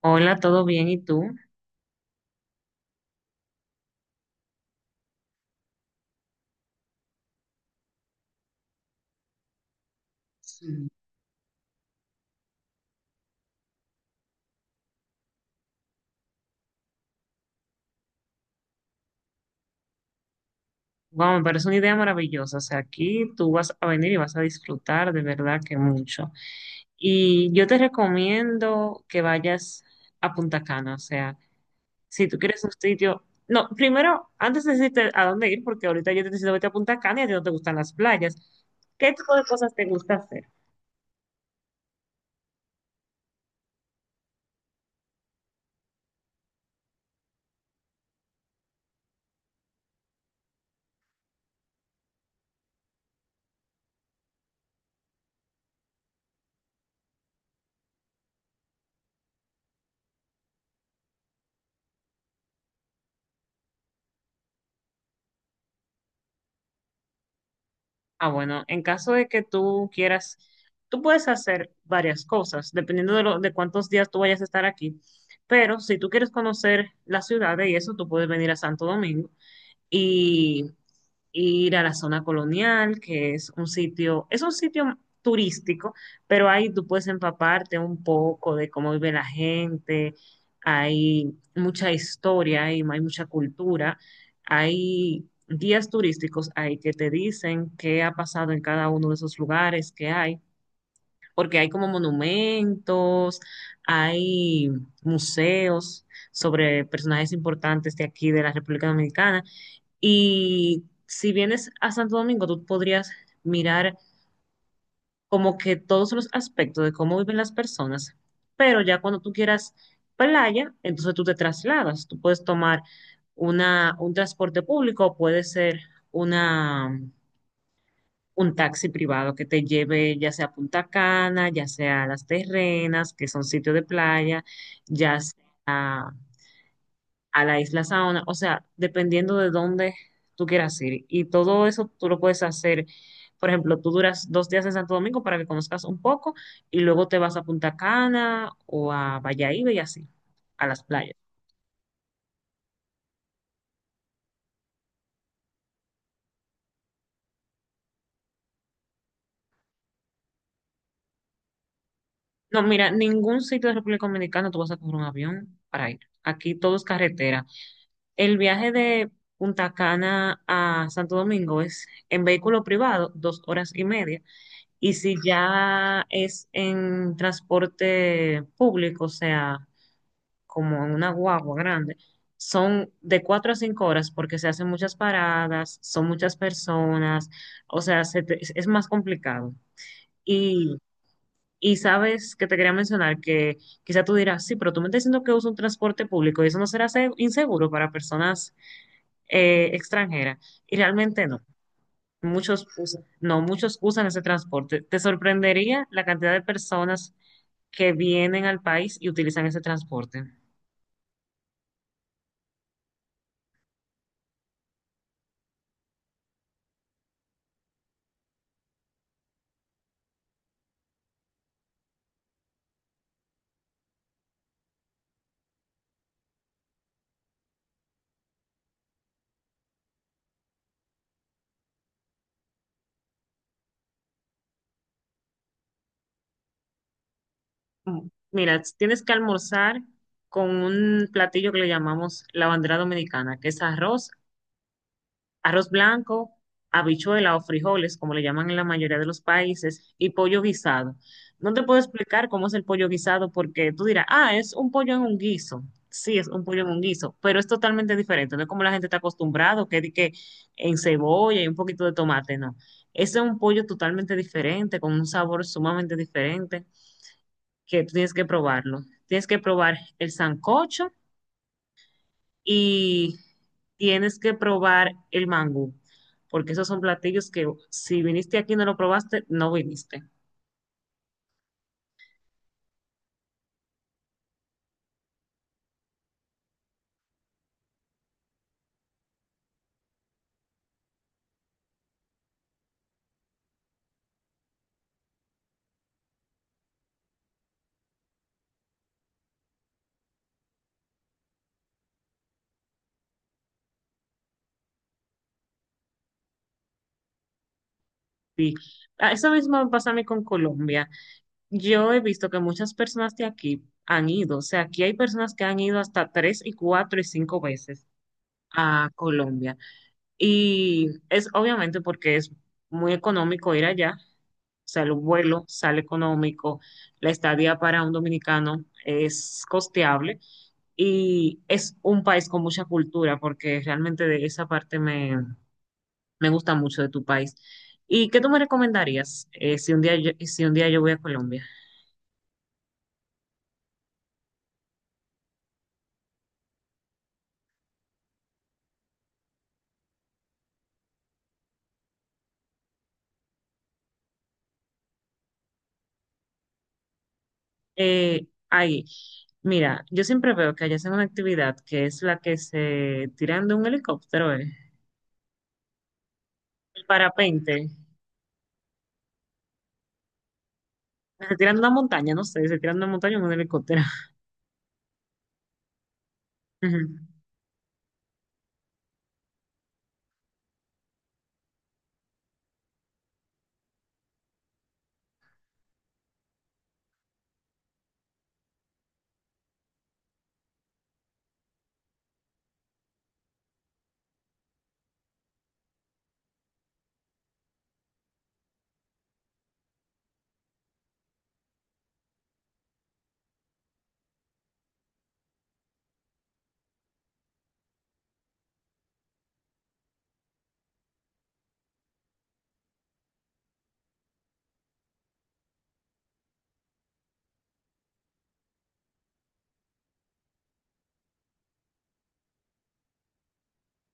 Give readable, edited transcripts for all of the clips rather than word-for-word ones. Hola, ¿todo bien? ¿Y tú? Sí. Wow, me parece una idea maravillosa. O sea, aquí tú vas a venir y vas a disfrutar de verdad que mucho. Y yo te recomiendo que vayas a Punta Cana. O sea, si tú quieres un sitio. No, primero, antes de decirte a dónde ir, porque ahorita yo te decido vete a Punta Cana y a ti no te gustan las playas. ¿Qué tipo de cosas te gusta hacer? Ah, bueno, en caso de que tú quieras, tú puedes hacer varias cosas, dependiendo de, lo, de cuántos días tú vayas a estar aquí. Pero si tú quieres conocer las ciudades y eso, tú puedes venir a Santo Domingo y ir a la zona colonial, que es un sitio turístico, pero ahí tú puedes empaparte un poco de cómo vive la gente, hay mucha historia, hay mucha cultura, hay guías turísticos ahí que te dicen qué ha pasado en cada uno de esos lugares que hay, porque hay como monumentos, hay museos sobre personajes importantes de aquí de la República Dominicana. Y si vienes a Santo Domingo, tú podrías mirar como que todos los aspectos de cómo viven las personas, pero ya cuando tú quieras playa, entonces tú te trasladas, tú puedes tomar un transporte público, puede ser una, un taxi privado que te lleve ya sea a Punta Cana, ya sea a Las Terrenas, que son sitios de playa, ya sea a la isla Saona, o sea, dependiendo de dónde tú quieras ir. Y todo eso tú lo puedes hacer. Por ejemplo, tú duras 2 días en Santo Domingo para que conozcas un poco y luego te vas a Punta Cana o a Bayahíbe y así, a las playas. No, mira, ningún sitio de República Dominicana tú vas a coger un avión para ir. Aquí todo es carretera. El viaje de Punta Cana a Santo Domingo es en vehículo privado, 2 horas y media. Y si ya es en transporte público, o sea, como en una guagua grande, son de 4 a 5 horas porque se hacen muchas paradas, son muchas personas, o sea, es más complicado. Y, y sabes que te quería mencionar que quizá tú dirás, sí, pero tú me estás diciendo que uso un transporte público y eso no será inseguro para personas extranjeras. Y realmente no. Muchos usan, no, muchos usan ese transporte. Te sorprendería la cantidad de personas que vienen al país y utilizan ese transporte. Mm. Mira, tienes que almorzar con un platillo que le llamamos la bandera dominicana, que es arroz, arroz blanco, habichuela o frijoles, como le llaman en la mayoría de los países, y pollo guisado. No te puedo explicar cómo es el pollo guisado porque tú dirás, ah, es un pollo en un guiso. Sí, es un pollo en un guiso, pero es totalmente diferente. No es como la gente está acostumbrado, que, di que en cebolla y un poquito de tomate, no. Ese es un pollo totalmente diferente, con un sabor sumamente diferente, que tú tienes que probarlo. Tienes que probar el sancocho y tienes que probar el mango, porque esos son platillos que si viniste aquí y no lo probaste, no viniste. Sí. Ah, eso mismo me pasa a mí con Colombia. Yo he visto que muchas personas de aquí han ido, o sea, aquí hay personas que han ido hasta 3 y 4 y 5 veces a Colombia. Y es obviamente porque es muy económico ir allá, o sea, el vuelo sale económico, la estadía para un dominicano es costeable y es un país con mucha cultura, porque realmente de esa parte me gusta mucho de tu país. ¿Y qué tú me recomendarías si un día yo voy a Colombia? Eh, ahí, Mira, yo siempre veo que allá hacen una actividad que es la que se tiran de un helicóptero, el parapente. Se tiran de una montaña, no sé, se tiran de una montaña en un helicóptero. Ujú.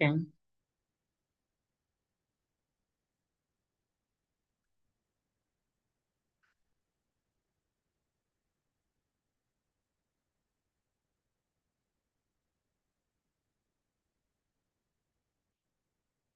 Ok.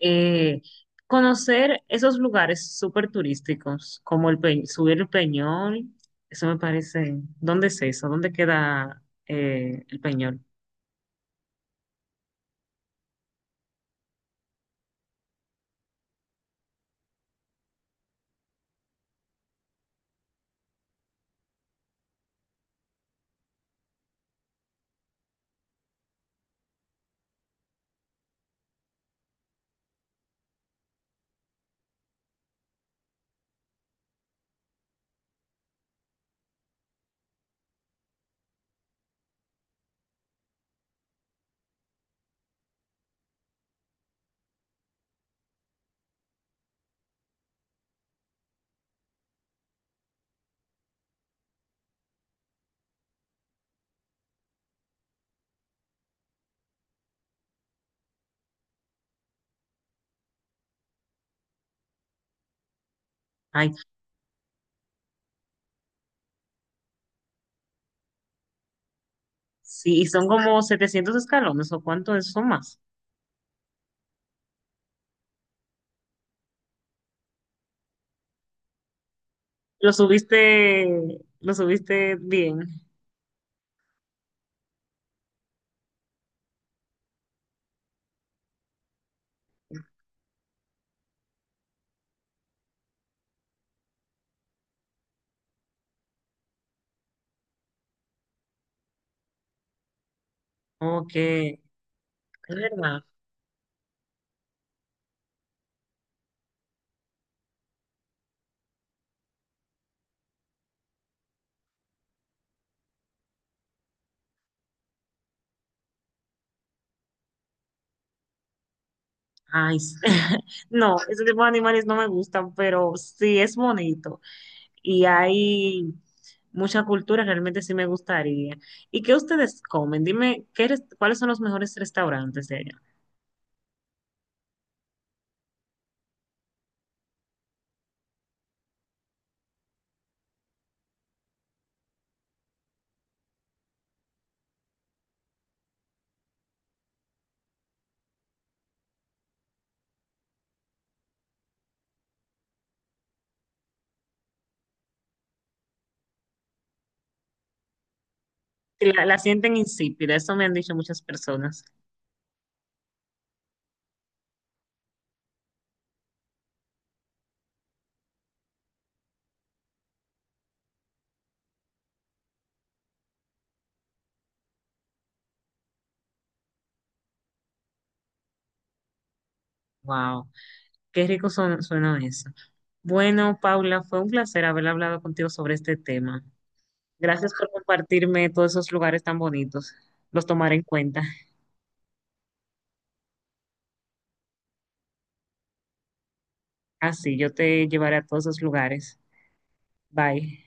eh, Conocer esos lugares súper turísticos, como subir el Peñol, eso me parece, ¿dónde es eso? ¿Dónde queda el Peñol? Ay, sí, y son como 700 escalones, ¿o cuánto es? ¿Son más? Lo subiste, lo subiste bien, ok, es verdad. Ay, sí. No, ese tipo de animales no me gustan, pero sí es bonito. Y hay mucha cultura, realmente sí me gustaría. ¿Y qué ustedes comen? Dime, ¿cuáles son los mejores restaurantes de allá? Si La, la sienten insípida, eso me han dicho muchas personas. Wow, qué rico suena eso. Bueno, Paula, fue un placer haber hablado contigo sobre este tema. Gracias por compartirme todos esos lugares tan bonitos. Los tomaré en cuenta. Así, yo te llevaré a todos esos lugares. Bye.